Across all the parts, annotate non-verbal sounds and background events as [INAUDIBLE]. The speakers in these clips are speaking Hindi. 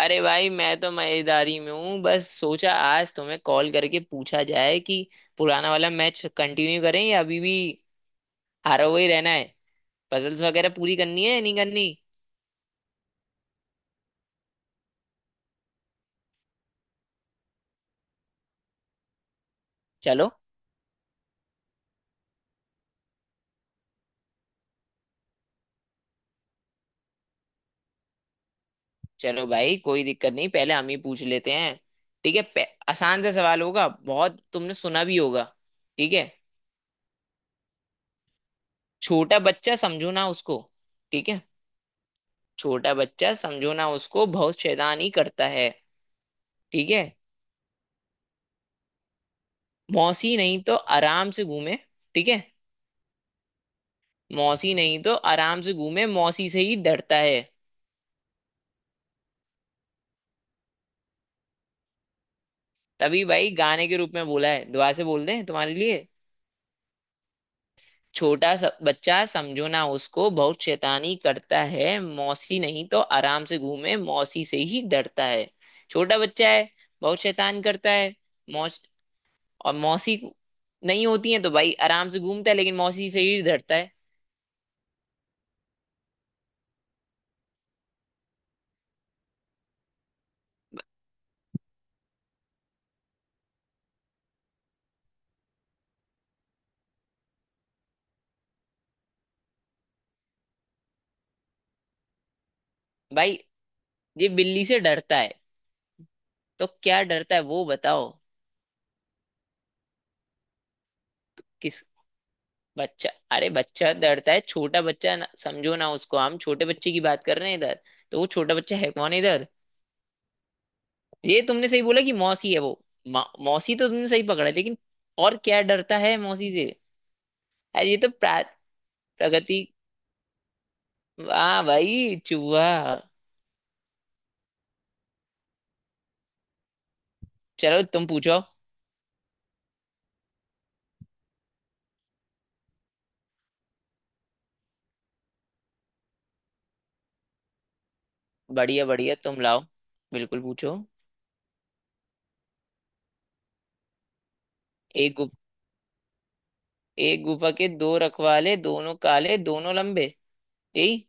अरे भाई मैं तो मजेदारी में हूँ। बस सोचा आज तुम्हें कॉल करके पूछा जाए कि पुराना वाला मैच कंटिन्यू करें या अभी भी हारा हुआ ही रहना है। पजल्स वगैरह पूरी करनी है या नहीं करनी। चलो, चलो भाई, कोई दिक्कत नहीं, पहले हम ही पूछ लेते हैं। ठीक है, आसान सा सवाल होगा, बहुत तुमने सुना भी होगा। ठीक है, छोटा बच्चा समझो ना उसको। ठीक है, छोटा बच्चा समझो ना उसको, बहुत शैतानी करता है। ठीक है, मौसी नहीं तो आराम से घूमे। ठीक है, मौसी नहीं तो आराम से घूमे, मौसी से ही डरता है। तभी भाई गाने के रूप में बोला है, दुआ से बोल दे तुम्हारे लिए। छोटा सा बच्चा समझो ना उसको, बहुत शैतानी करता है, मौसी नहीं तो आराम से घूमे, मौसी से ही डरता है। छोटा बच्चा है, बहुत शैतान करता है। मौस और मौसी नहीं होती है तो भाई आराम से घूमता है, लेकिन मौसी से ही डरता है। भाई ये बिल्ली से डरता है, तो क्या डरता है वो बताओ। किस? बच्चा? अरे बच्चा डरता है, छोटा बच्चा ना, समझो ना उसको, हम छोटे बच्चे की बात कर रहे हैं इधर। तो वो छोटा बच्चा है कौन इधर? ये तुमने सही बोला कि मौसी है वो। मौसी तो तुमने सही पकड़ा है, लेकिन और क्या डरता है मौसी से? अरे ये तो प्रगति। वाह भाई, चूहा। चलो तुम पूछो। बढ़िया बढ़िया, तुम लाओ, बिल्कुल पूछो। एक गुफ, एक गुफा के दो रखवाले, दोनों काले, दोनों लंबे। यही?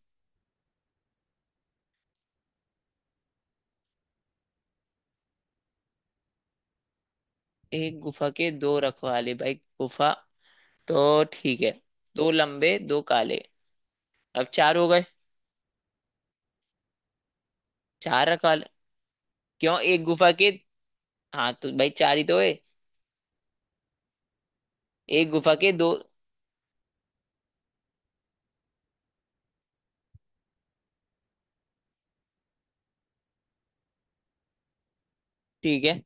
एक गुफा के दो रखवाले भाई, गुफा तो ठीक है, दो लंबे दो काले, अब चार हो गए। चार काले क्यों? एक गुफा के, हाँ तो भाई चार ही तो है। एक गुफा के दो, ठीक है।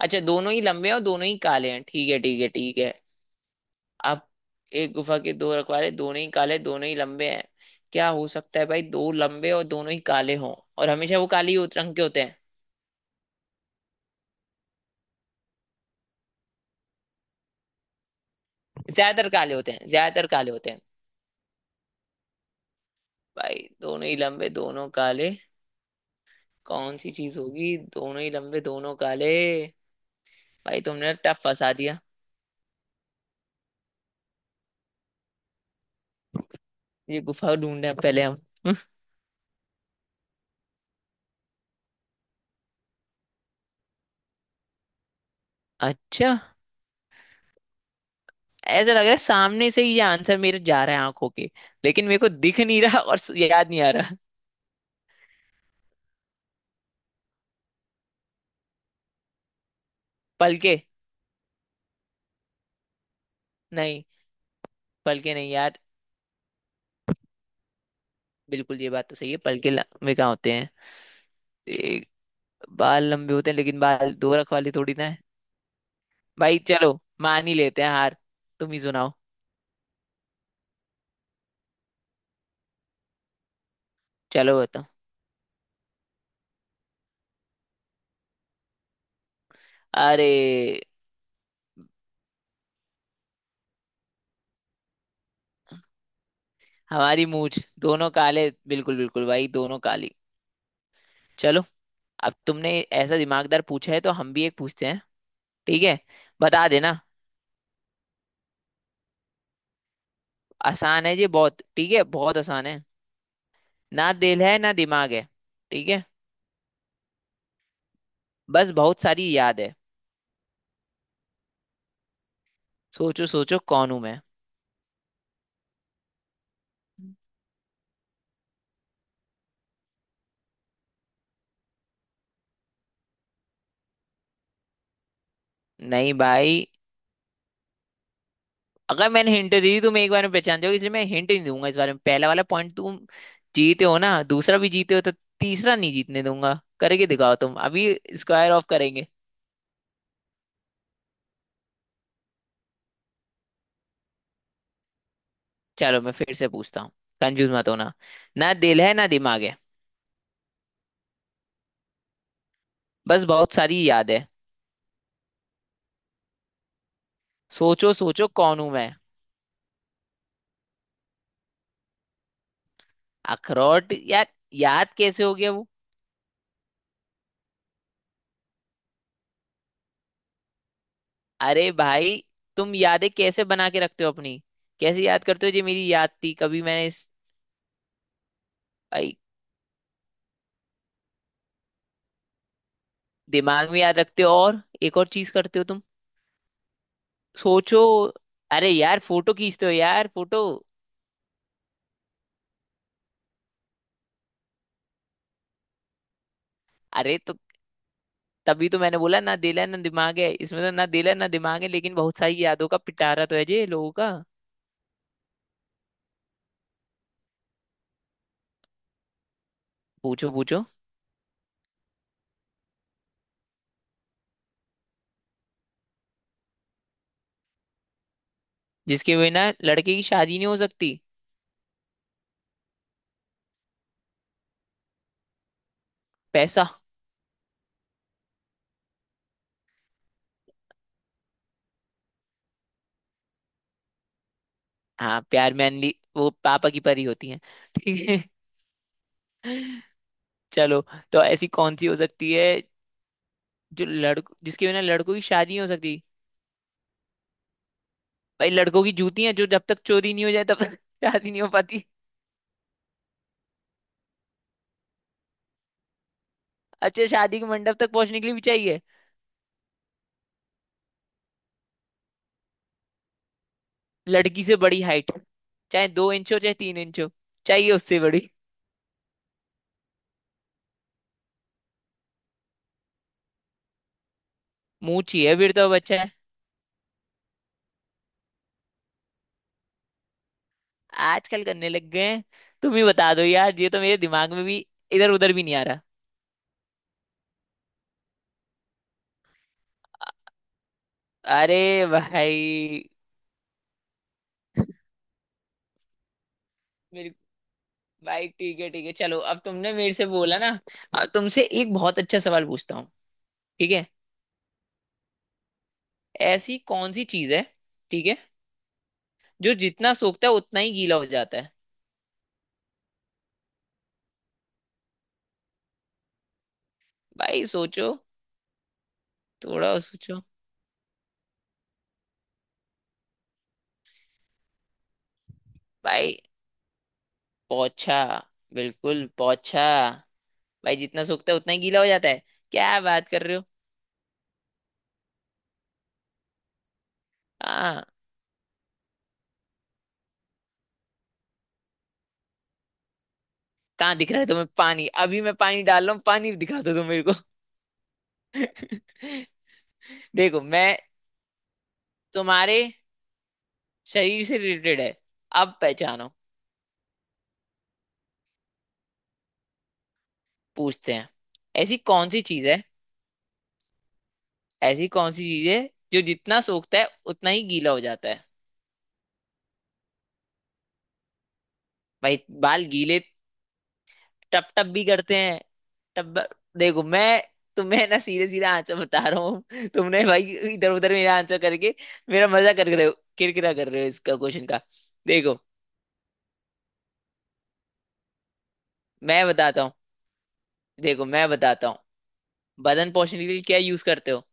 अच्छा दोनों ही लंबे हैं और दोनों ही काले हैं, ठीक है ठीक है ठीक है। अब एक गुफा के दो रखवाले, दोनों ही काले, दोनों ही लंबे हैं। क्या हो सकता है भाई, दो लंबे और दोनों ही काले हों, और हमेशा वो काले ही रंग के होते हैं। ज्यादातर काले होते हैं, ज्यादातर काले होते हैं। भाई, दोनों ही लंबे, दोनों काले, कौन सी चीज होगी दोनों ही लंबे दोनों काले? भाई तुमने टफ फंसा दिया। ये गुफा ढूंढे पहले हम। [LAUGHS] अच्छा, ऐसा लग रहा है सामने से ही ये आंसर मेरे जा रहा है आंखों के, लेकिन मेरे को दिख नहीं रहा और याद नहीं आ रहा। पलके? नहीं, पलके नहीं यार। बिल्कुल, ये बात तो सही है, पलके में क्या होते हैं? एक, बाल लंबे होते हैं, लेकिन बाल दो रख वाले थोड़ी ना है। भाई चलो, मान ही लेते हैं हार, तुम ही सुनाओ। चलो बताओ। अरे हमारी मूछ दोनों काले, बिल्कुल बिल्कुल भाई, दोनों काली। चलो अब तुमने ऐसा दिमागदार पूछा है, तो हम भी एक पूछते हैं। ठीक है, बता देना। आसान है ये बहुत, ठीक है, बहुत आसान है। ना दिल है ना दिमाग है, ठीक है, बस बहुत सारी याद है। सोचो सोचो कौन हूं मैं। नहीं भाई, अगर मैंने हिंट दे दी तुम एक बार में पहचान जाओगे, इसलिए मैं हिंट नहीं दूंगा। इस बारे में पहला वाला पॉइंट तुम जीते हो ना, दूसरा भी जीते हो तो तीसरा नहीं जीतने दूंगा। करके दिखाओ तुम अभी, स्क्वायर ऑफ करेंगे। चलो मैं फिर से पूछता हूँ, कंफ्यूज मत होना। ना दिल है ना दिमाग है, बस बहुत सारी याद है। सोचो सोचो कौन हूं मैं। अखरोट यार, याद कैसे हो गया वो? अरे भाई, तुम यादें कैसे बना के रखते हो अपनी? कैसे याद करते हो जी, मेरी याद थी कभी मैंने इस, भाई। दिमाग में याद रखते हो, और एक और चीज करते हो तुम, सोचो। अरे यार फोटो खींचते हो यार, फोटो। अरे तो तभी तो मैंने बोला ना दिल है ना दिमाग है, इसमें तो ना दिल है ना दिमाग है, लेकिन बहुत सारी यादों का पिटारा तो है जी लोगों का। पूछो पूछो। जिसके बिना लड़के की शादी नहीं हो सकती? पैसा। हाँ, प्यार में अनली वो पापा की परी होती है, ठीक है। [LAUGHS] चलो, तो ऐसी कौन सी हो सकती है जो लड़को जिसके बिना लड़कों की शादी नहीं हो सकती? भाई लड़कों की जूतियां, जो जब तक चोरी नहीं हो जाए तब तक [LAUGHS] शादी नहीं हो पाती। अच्छा, शादी के मंडप तक पहुंचने के लिए भी चाहिए, लड़की से बड़ी हाइट, चाहे दो इंच हो चाहे तीन इंच हो, चाहिए उससे बड़ी। मुंह चाहिए, फिर तो बच्चा है। आजकल करने लग गए हैं। तुम ही बता दो यार, ये तो मेरे दिमाग में भी इधर उधर भी नहीं आ रहा। अरे भाई भाई ठीक है ठीक है, चलो अब तुमने मेरे से बोला ना, अब तुमसे एक बहुत अच्छा सवाल पूछता हूँ। ठीक है, ऐसी कौन सी चीज है, ठीक है, जो जितना सोखता है उतना ही गीला हो जाता है? भाई सोचो। थोड़ा सोचो। भाई, पोछा? बिल्कुल पोछा, भाई जितना सोखता है उतना ही गीला हो जाता है, क्या बात कर रहे हो। हाँ, कहाँ दिख रहा है तुम्हें पानी? अभी मैं पानी डाल रहा हूँ, पानी दिखा दो तुम मेरे को। [LAUGHS] देखो मैं, तुम्हारे शरीर से रिलेटेड है, अब पहचानो। पूछते हैं। ऐसी कौन सी चीज है, ऐसी कौन सी चीज है जो जितना सोखता है उतना ही गीला हो जाता है? भाई, बाल गीले, टप टप भी करते हैं, टप। देखो मैं, तुम्हें ना सीधे सीधा आंसर बता रहा हूँ तुमने भाई, इधर उधर मेरा आंसर करके मेरा मजा कर रहे हो, किरकिरा कर रहे हो इसका क्वेश्चन का। देखो मैं बताता हूँ देखो मैं बताता हूँ। बदन पोषण के लिए क्या यूज करते हो?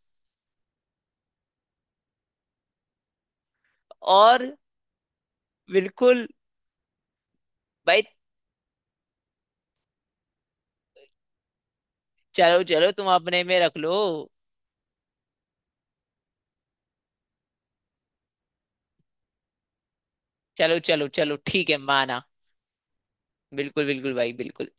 और? बिल्कुल। भाई चलो चलो, तुम अपने में रख लो। चलो चलो चलो, ठीक है, माना। बिल्कुल बिल्कुल भाई, बिल्कुल।